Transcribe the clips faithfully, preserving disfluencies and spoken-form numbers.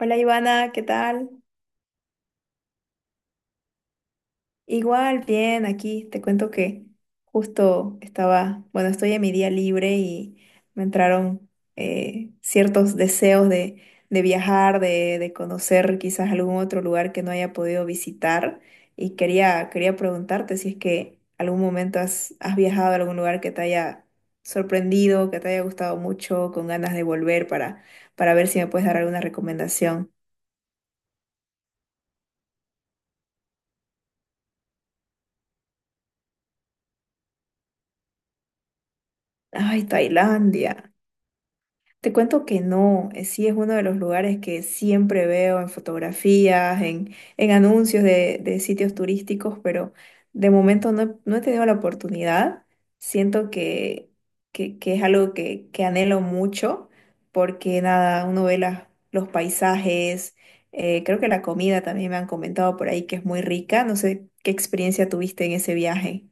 Hola Ivana, ¿qué tal? Igual, bien, aquí te cuento que justo estaba, bueno, estoy en mi día libre y me entraron eh, ciertos deseos de, de viajar, de, de conocer quizás algún otro lugar que no haya podido visitar y quería, quería preguntarte si es que algún momento has, has viajado a algún lugar que te haya sorprendido, que te haya gustado mucho, con ganas de volver para, para ver si me puedes dar alguna recomendación. Ay, Tailandia. Te cuento que no. Eh, sí, es uno de los lugares que siempre veo en fotografías, en, en anuncios de, de sitios turísticos, pero de momento no, he no he tenido la oportunidad. Siento que, que, que es algo que, que anhelo mucho, porque nada, uno ve las, los paisajes. Eh, creo que la comida también me han comentado por ahí que es muy rica. No sé qué experiencia tuviste en ese viaje.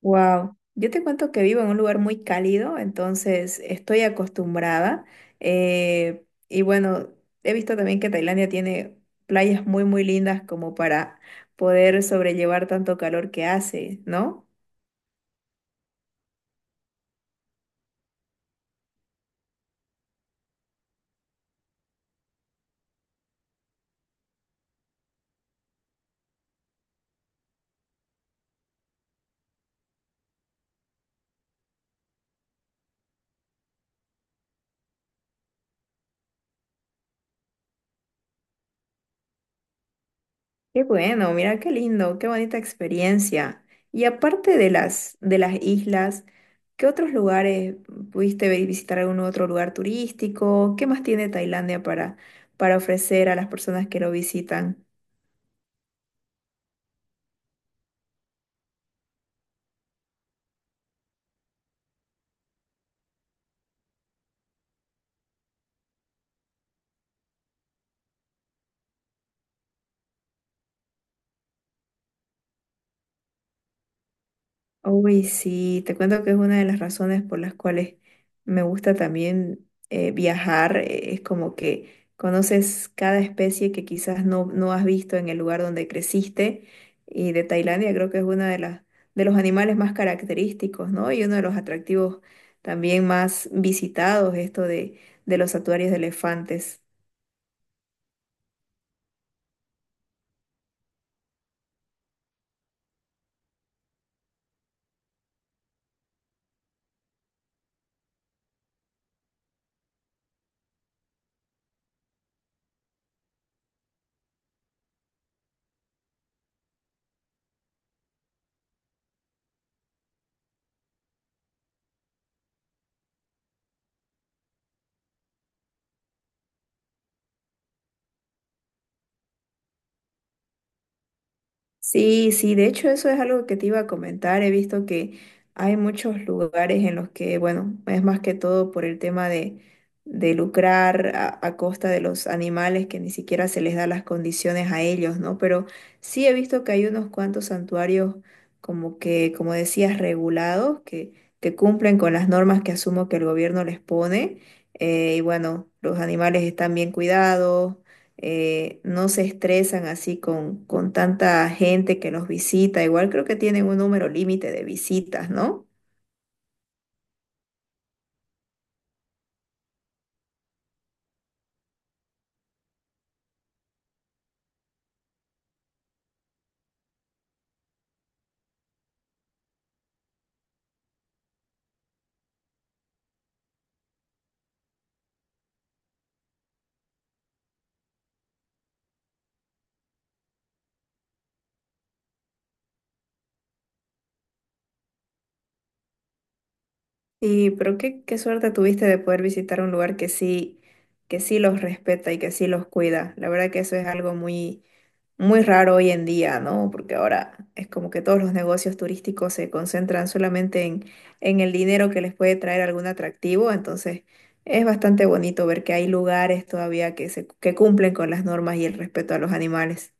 Wow, yo te cuento que vivo en un lugar muy cálido, entonces estoy acostumbrada. eh, y bueno, he visto también que Tailandia tiene playas muy, muy lindas como para poder sobrellevar tanto calor que hace, ¿no? Qué bueno, mira qué lindo, qué bonita experiencia. Y aparte de las, de las islas, ¿qué otros lugares pudiste vi- visitar? ¿Algún otro lugar turístico? ¿Qué más tiene Tailandia para, para ofrecer a las personas que lo visitan? Uy, sí, te cuento que es una de las razones por las cuales me gusta también, eh, viajar. eh, Es como que conoces cada especie que quizás no, no has visto en el lugar donde creciste. Y de Tailandia creo que es una de las, de los animales más característicos, ¿no? Y uno de los atractivos también más visitados, esto de, de los santuarios de elefantes. Sí, sí, de hecho eso es algo que te iba a comentar. He visto que hay muchos lugares en los que, bueno, es más que todo por el tema de, de lucrar a, a costa de los animales, que ni siquiera se les da las condiciones a ellos, ¿no? Pero sí he visto que hay unos cuantos santuarios como que, como decías, regulados, que, que cumplen con las normas que asumo que el gobierno les pone. eh, y bueno, los animales están bien cuidados. Eh, no se estresan así con, con tanta gente que los visita. Igual creo que tienen un número límite de visitas, ¿no? Y pero qué, qué suerte tuviste de poder visitar un lugar que sí, que sí los respeta y que sí los cuida. La verdad que eso es algo muy, muy raro hoy en día, ¿no? Porque ahora es como que todos los negocios turísticos se concentran solamente en, en el dinero que les puede traer algún atractivo, entonces es bastante bonito ver que hay lugares todavía que se, que cumplen con las normas y el respeto a los animales.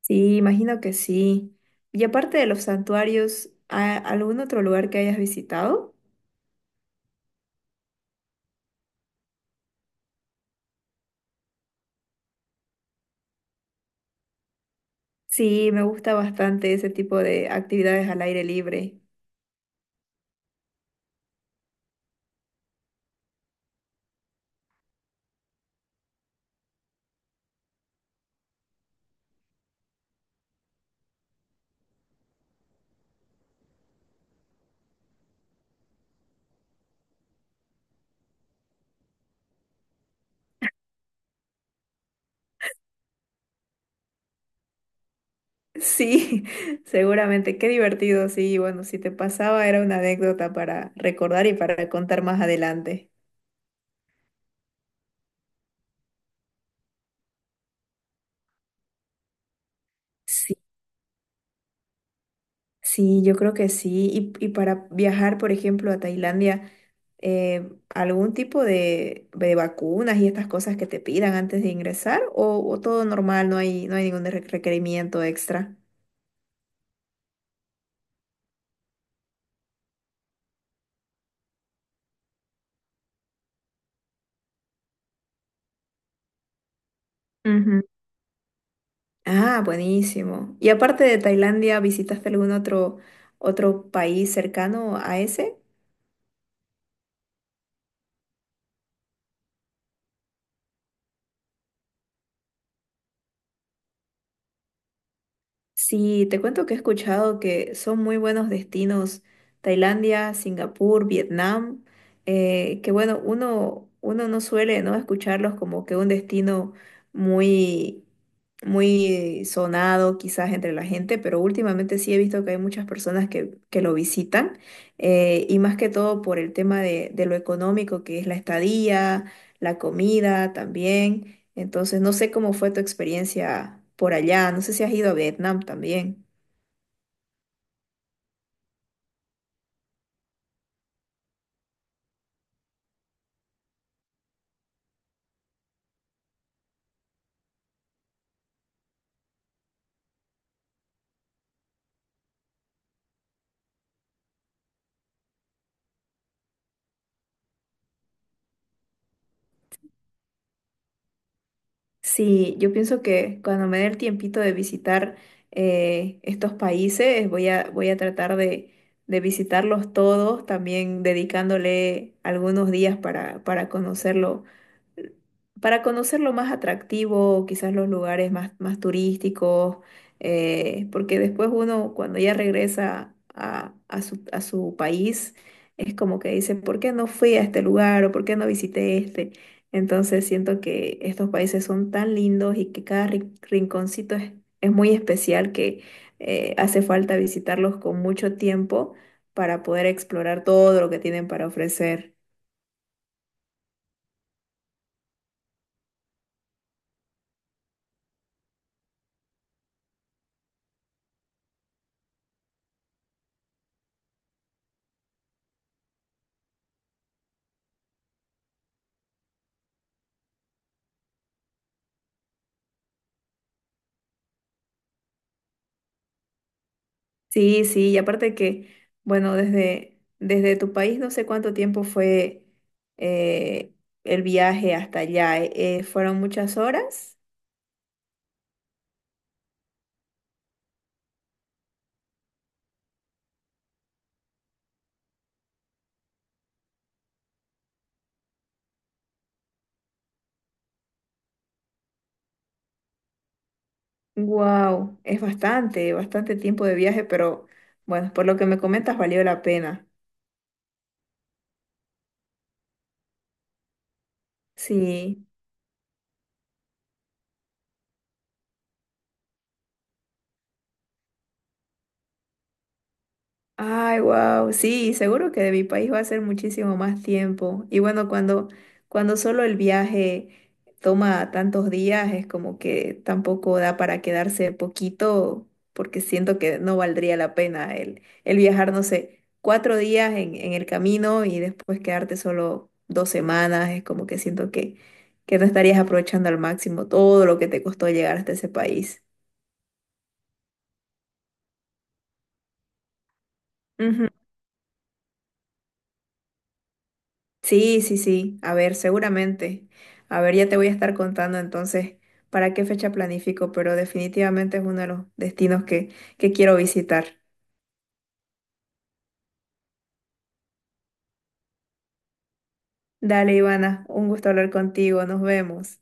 Sí, imagino que sí. Y aparte de los santuarios, ¿a- ¿algún otro lugar que hayas visitado? Sí, me gusta bastante ese tipo de actividades al aire libre. Sí, seguramente, qué divertido, sí, bueno, si te pasaba era una anécdota para recordar y para contar más adelante. Sí, sí, yo creo que sí. Y, y para viajar, por ejemplo, a Tailandia, eh, ¿algún tipo de, de vacunas y estas cosas que te pidan antes de ingresar? ¿O, o todo normal, no hay, no hay ningún re- requerimiento extra? Ujú. Ah, buenísimo. Y aparte de Tailandia, ¿visitaste algún otro, otro país cercano a ese? Sí, te cuento que he escuchado que son muy buenos destinos: Tailandia, Singapur, Vietnam. Eh, que bueno, uno, uno no suele, ¿no?, escucharlos como que un destino muy, muy sonado quizás entre la gente, pero últimamente sí he visto que hay muchas personas que, que lo visitan, eh, y más que todo por el tema de, de lo económico que es la estadía, la comida también. Entonces, no sé cómo fue tu experiencia por allá. No sé si has ido a Vietnam también. Sí, yo pienso que cuando me dé el tiempito de visitar, eh, estos países, voy a, voy a tratar de, de visitarlos todos, también dedicándole algunos días para, para conocerlo, para conocer lo más atractivo, quizás los lugares más, más turísticos. Eh, porque después uno cuando ya regresa a, a su, a su país, es como que dice, ¿por qué no fui a este lugar o por qué no visité este? Entonces siento que estos países son tan lindos y que cada ri- rinconcito es, es muy especial, que eh, hace falta visitarlos con mucho tiempo para poder explorar todo lo que tienen para ofrecer. Sí, sí, y aparte que, bueno, desde, desde tu país no sé cuánto tiempo fue eh, el viaje hasta allá. Eh, eh, ¿fueron muchas horas? Wow, es bastante, bastante tiempo de viaje, pero bueno, por lo que me comentas valió la pena. Sí. Ay, wow, sí, seguro que de mi país va a ser muchísimo más tiempo. Y bueno, cuando, cuando solo el viaje toma tantos días, es como que tampoco da para quedarse poquito, porque siento que no valdría la pena el, el viajar, no sé, cuatro días en, en el camino y después quedarte solo dos semanas. Es como que siento que, que no estarías aprovechando al máximo todo lo que te costó llegar hasta ese país. Sí, sí, sí. A ver, seguramente. A ver, ya te voy a estar contando entonces para qué fecha planifico, pero definitivamente es uno de los destinos que, que quiero visitar. Dale, Ivana, un gusto hablar contigo. Nos vemos.